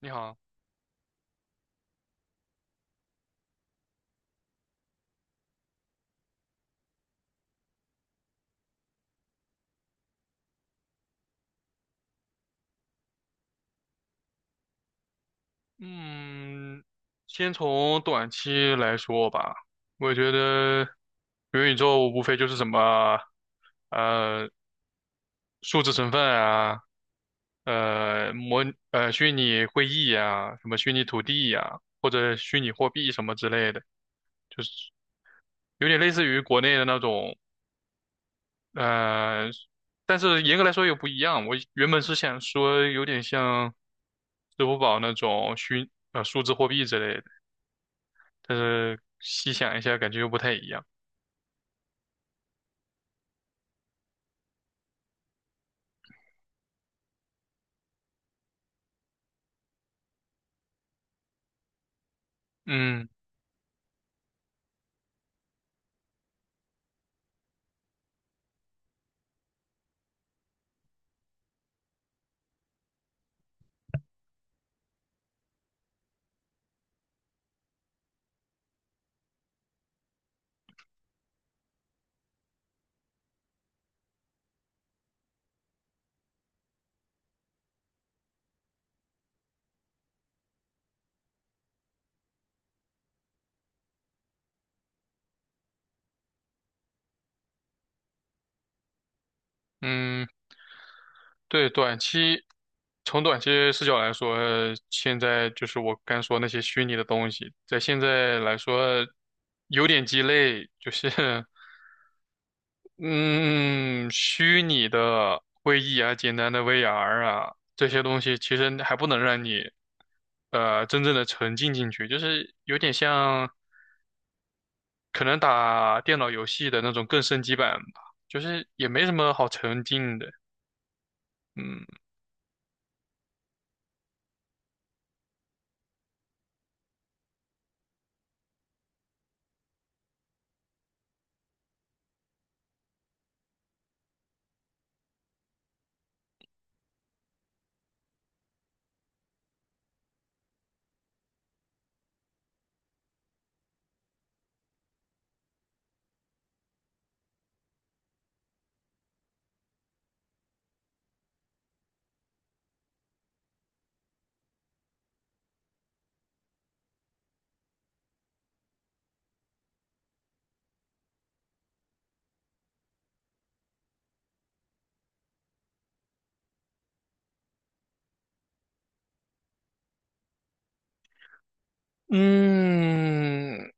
你好。嗯，先从短期来说吧，我觉得元宇宙无非就是什么，呃，数字身份啊，呃，模虚拟会议呀、什么虚拟土地呀、或者虚拟货币什么之类的，就是有点类似于国内的那种，呃，但是严格来说又不一样。我原本是想说有点像支付宝那种数字货币之类的。但是细想一下，感觉又不太一样。嗯。嗯，对，从短期视角来说，现在就是我刚说那些虚拟的东西，在现在来说有点鸡肋，就是 嗯，虚拟的会议啊，简单的 VR 啊，这些东西其实还不能让你真正的沉浸进去，就是有点像。可能打电脑游戏的那种更升级版吧，就是也没什么好沉浸的。嗯。嗯，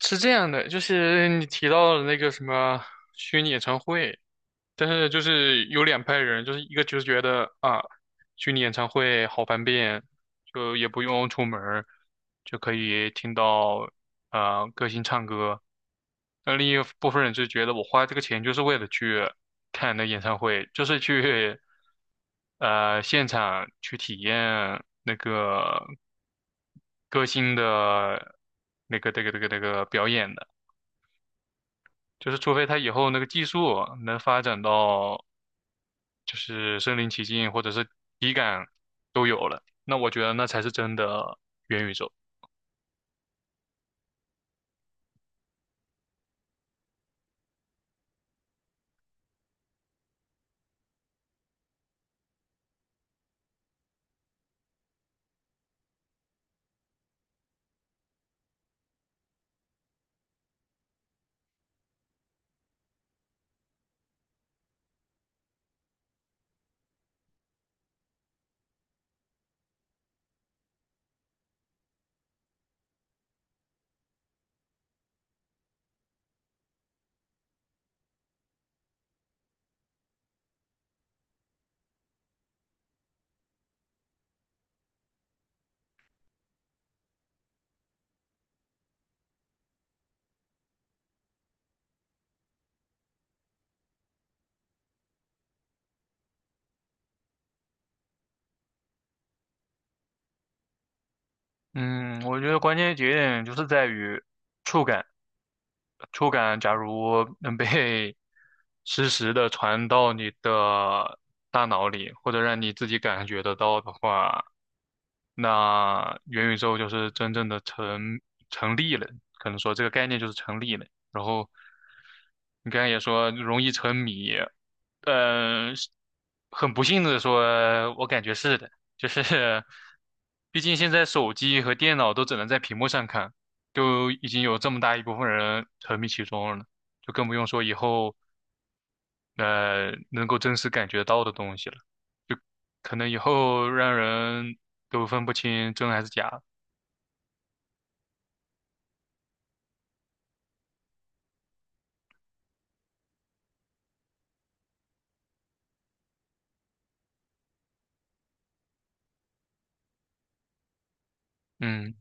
是这样的，就是你提到的那个什么虚拟演唱会，但是就是有两派人，就是一个就是觉得啊，虚拟演唱会好方便，就也不用出门儿就可以听到啊、歌星唱歌。那另一部分人就觉得我花这个钱就是为了去看那演唱会，就是去现场去体验那个歌星的这个表演的。就是除非他以后那个技术能发展到就是身临其境或者是体感都有了，那我觉得那才是真的元宇宙。嗯，我觉得关键节点就是在于触感。触感假如能被 实时的传到你的大脑里，或者让你自己感觉得到的话，那元宇宙就是真正的成立了，可能说这个概念就是成立了。然后你刚才也说容易沉迷，是很不幸的说，我感觉是的，就是 毕竟现在手机和电脑都只能在屏幕上看，就已经有这么大一部分人沉迷其中了，就更不用说以后能够真实感觉到的东西了，可能以后让人都分不清真还是假。嗯。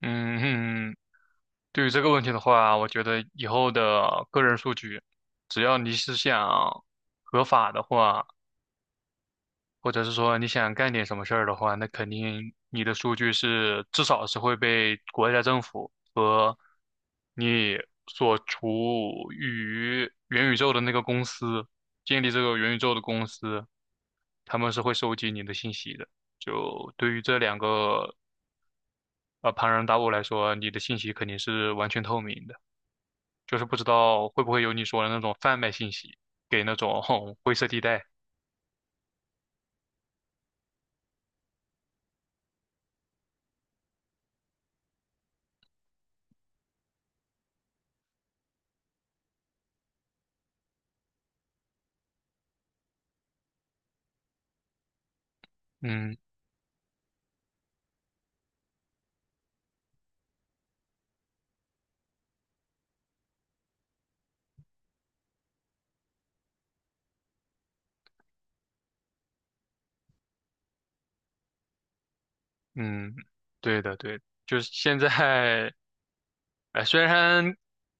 嗯嗯，对于这个问题的话，我觉得以后的个人数据，只要你是想合法的话，或者是说你想干点什么事儿的话，那肯定你的数据是至少是会被国家政府和你所处于元宇宙的那个公司，建立这个元宇宙的公司，他们是会收集你的信息的。就对于这两个庞然大物来说，你的信息肯定是完全透明的。就是不知道会不会有你说的那种贩卖信息给那种 灰色地带。嗯。嗯，对的对的，就是现在，哎，虽然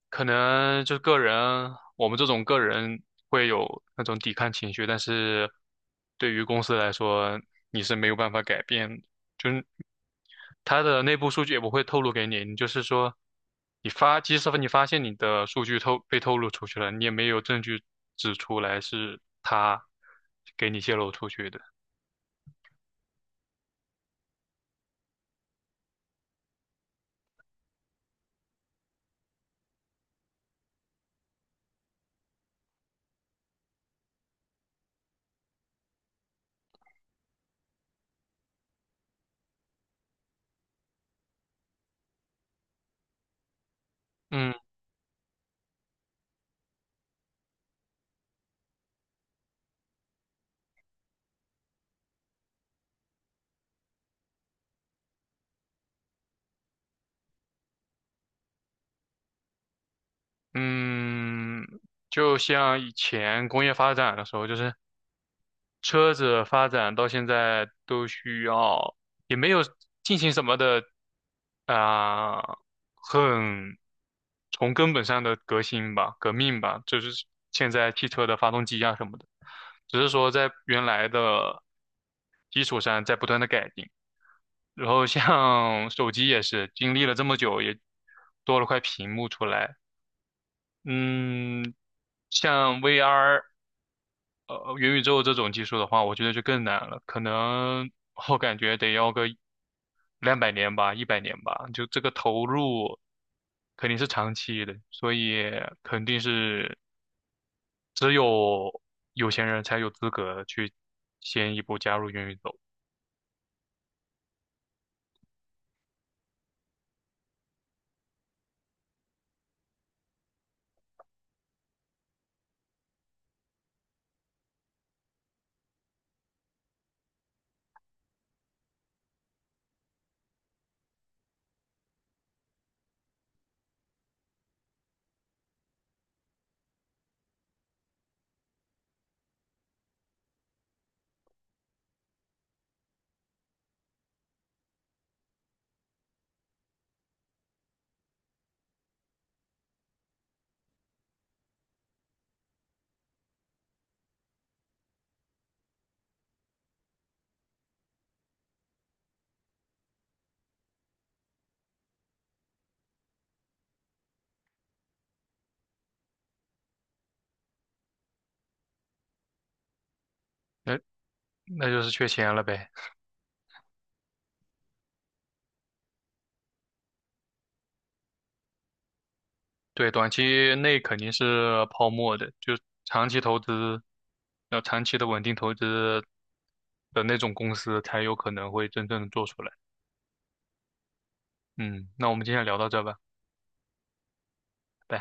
可能就是个人，我们这种个人会有那种抵抗情绪，但是对于公司来说，你是没有办法改变的。就是它的内部数据也不会透露给你。你就是说，你发，即使你发现你的数据被透露出去了，你也没有证据指出来是它给你泄露出去的。嗯。嗯，就像以前工业发展的时候，就是车子发展到现在都需要，也没有进行什么的啊、很从根本上的革新吧、革命吧，就是现在汽车的发动机啊什么的，只是说在原来的基础上在不断的改进。然后像手机也是经历了这么久，也多了块屏幕出来。嗯，像 VR。呃元宇宙这种技术的话，我觉得就更难了，可能我感觉得要个200年吧，100年吧，就这个投入肯定是长期的，所以肯定是只有有钱人才有资格去先一步加入元宇宙。那那就是缺钱了呗。对，短期内肯定是泡沫的，就长期投资，要长期的稳定投资的那种公司才有可能会真正的做出来。嗯，那我们今天聊到这吧。对，